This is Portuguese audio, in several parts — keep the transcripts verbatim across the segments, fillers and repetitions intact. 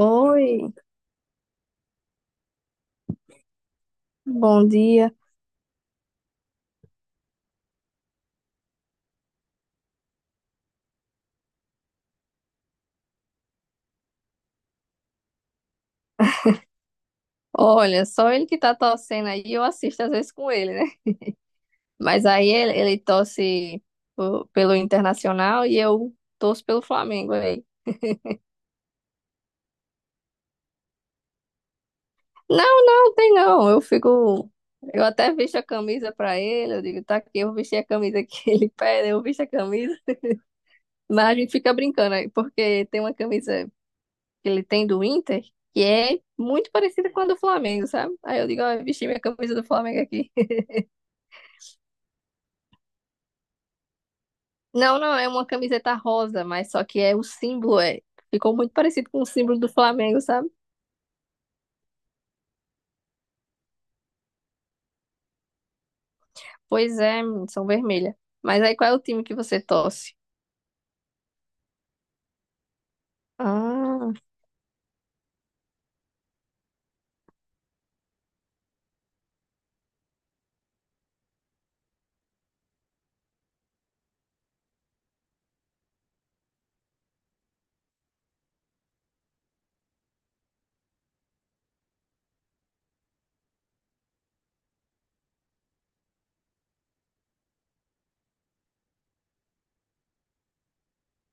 Oi, bom dia. Olha, só ele que tá torcendo aí, eu assisto às vezes com ele, né? Mas aí ele, ele torce po- pelo Internacional e eu torço pelo Flamengo aí. Não, não, tem não. Eu fico. Eu até visto a camisa pra ele, eu digo, tá aqui, eu vesti a camisa que ele pede, eu visto a camisa. Mas a gente fica brincando aí, porque tem uma camisa que ele tem do Inter que é muito parecida com a do Flamengo, sabe? Aí eu digo, ó, eu vesti minha camisa do Flamengo aqui. Não, não, é uma camiseta rosa, mas só que é o símbolo, é. Ficou muito parecido com o símbolo do Flamengo, sabe? Pois é, menino, são vermelha. Mas aí qual é o time que você torce? Ah,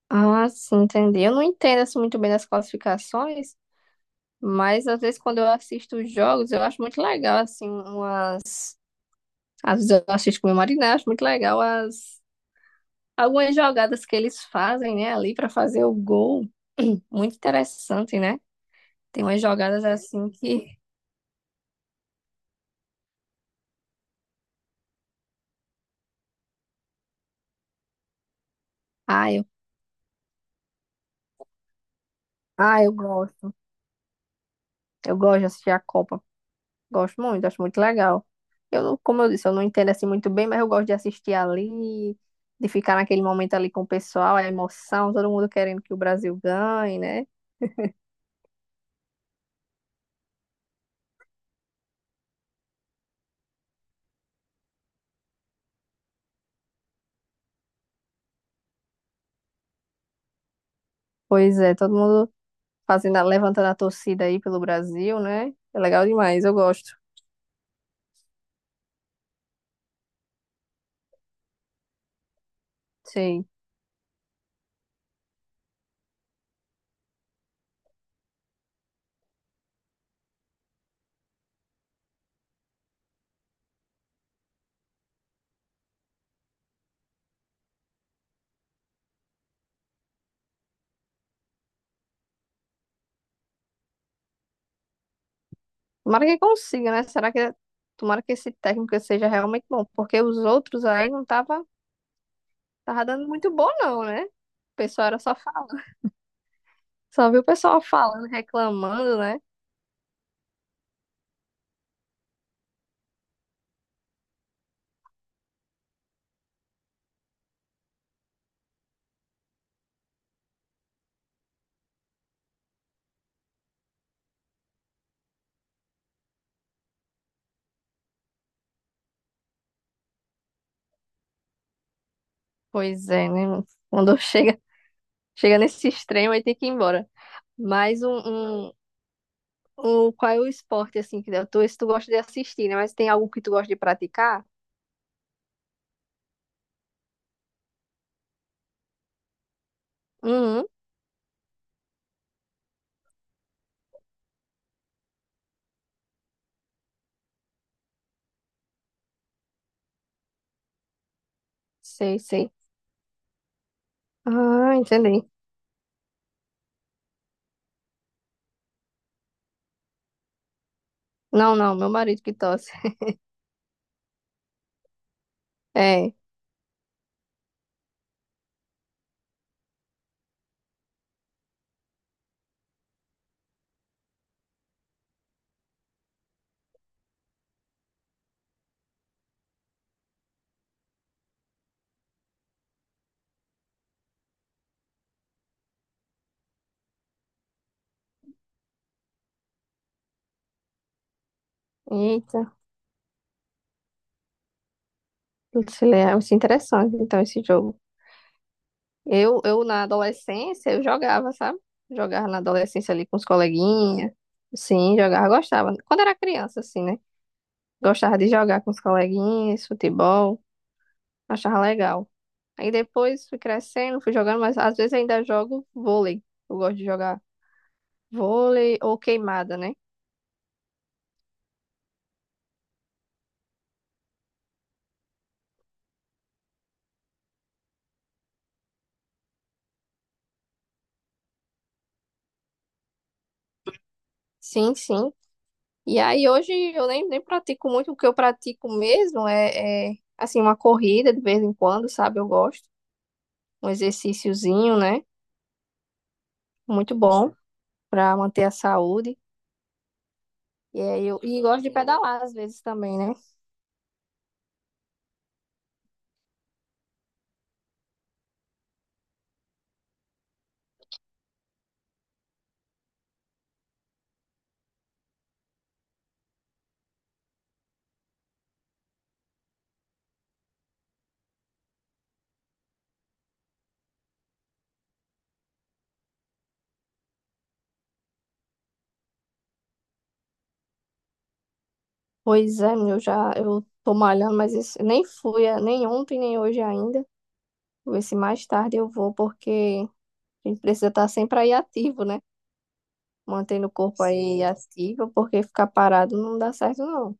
ah, sim, entendi. Eu não entendo assim, muito bem das classificações, mas às vezes quando eu assisto os jogos, eu acho muito legal, assim, uma... às vezes eu assisto com o meu marido, né? Acho muito legal as... algumas jogadas que eles fazem, né, ali pra fazer o gol. Muito interessante, né? Tem umas jogadas assim que. Ah, eu, ah, eu gosto. Eu gosto de assistir a Copa, gosto muito, acho muito legal. Eu não, como eu disse, eu não entendo assim muito bem, mas eu gosto de assistir ali, de ficar naquele momento ali com o pessoal, a emoção, todo mundo querendo que o Brasil ganhe, né? Pois é, todo mundo fazendo, a- levantando a torcida aí pelo Brasil, né? É legal demais, eu gosto. Sim. Tomara que consiga, né? Será que tomara que esse técnico seja realmente bom, porque os outros aí não tava, tava dando muito bom não, né? O pessoal era só falando, só viu o pessoal falando, reclamando, né? Pois é, né? Quando chega, chega nesse extremo, aí tem que ir embora. Mas um, um, um- Qual é o esporte, assim, que tu, esse tu gosta de assistir, né? Mas tem algo que tu gosta de praticar? Uhum, sei, sei. Ah, entendi. Não, não, meu marido que tosse. É. Eita, isso é isso é interessante, então, esse jogo. Eu, eu, na adolescência, eu jogava, sabe? Jogava na adolescência ali com os coleguinhas. Sim, jogava, gostava. Quando era criança, assim, né? Gostava de jogar com os coleguinhas, futebol. Achava legal. Aí depois fui crescendo, fui jogando, mas às vezes ainda jogo vôlei. Eu gosto de jogar vôlei ou queimada, né? Sim, sim. E aí hoje eu nem, nem pratico muito, o que eu pratico mesmo é, é, assim, uma corrida de vez em quando, sabe? Eu gosto. Um exercíciozinho, né? Muito bom para manter a saúde. E aí eu e gosto de pedalar às vezes também, né? Pois é, meu já eu tô malhando, mas esse- nem fui, eh, nem ontem, nem hoje ainda. Vou ver se mais tarde eu vou, porque. A gente precisa estar sempre aí ativo, né? Mantendo o corpo aí. Sim, ativo, porque ficar parado não dá certo, não.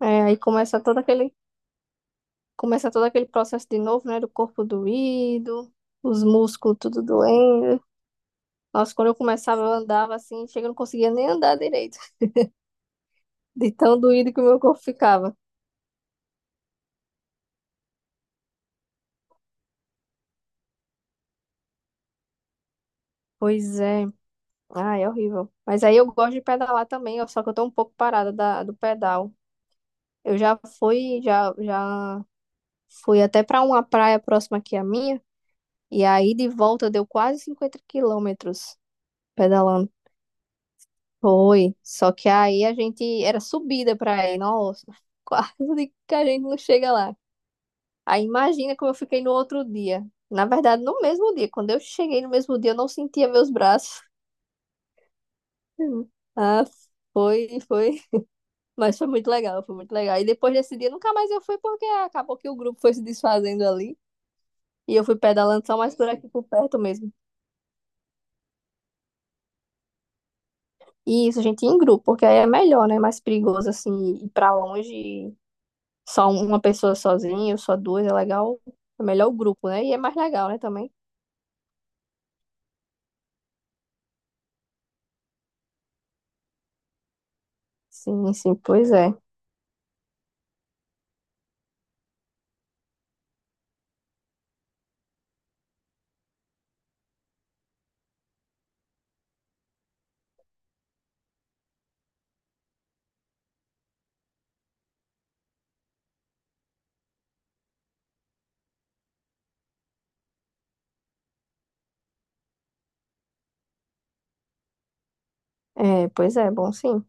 É, aí começa todo aquele, começa todo aquele processo de novo, né? Do corpo doído, os músculos tudo doendo. Nossa, quando eu começava, eu andava assim, chega, eu não conseguia nem andar direito, de tão doído que o meu corpo ficava. Pois é, ah, é horrível. Mas aí eu gosto de pedalar também, ó, só que eu tô um pouco parada da, do pedal. Eu já fui, já, já fui até pra uma praia próxima aqui à minha. E aí de volta deu quase cinquenta quilômetros pedalando. Foi. Só que aí a gente era subida pra ir. Nossa, quase que a gente não chega lá. Aí imagina como eu fiquei no outro dia. Na verdade, no mesmo dia. Quando eu cheguei no mesmo dia, eu não sentia meus braços. Ah, foi, foi. Mas foi muito legal, foi muito legal. E depois desse dia, nunca mais eu fui porque acabou que o grupo foi se desfazendo ali. E eu fui pedalando só mais por aqui por perto mesmo. E isso, gente, em grupo, porque aí é melhor, né? É mais perigoso, assim, ir pra longe, só um, uma pessoa sozinha, ou só duas, é legal. É melhor o grupo, né? E é mais legal, né, também. Sim, sim, pois é. É, pois é, bom, sim.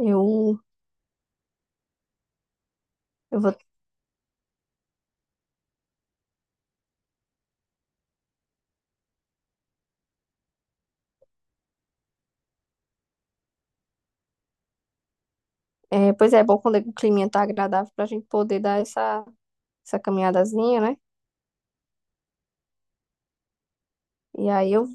Eu, eu vou... É, pois é, é bom quando o clima tá agradável pra gente poder dar essa, essa caminhadazinha, né? E aí eu...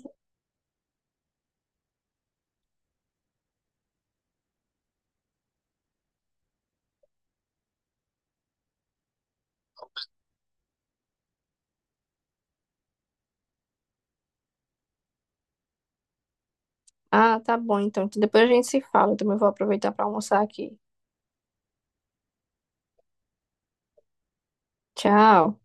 Ah, tá bom, então. Então depois a gente se fala. Eu também vou aproveitar pra almoçar aqui. Tchau.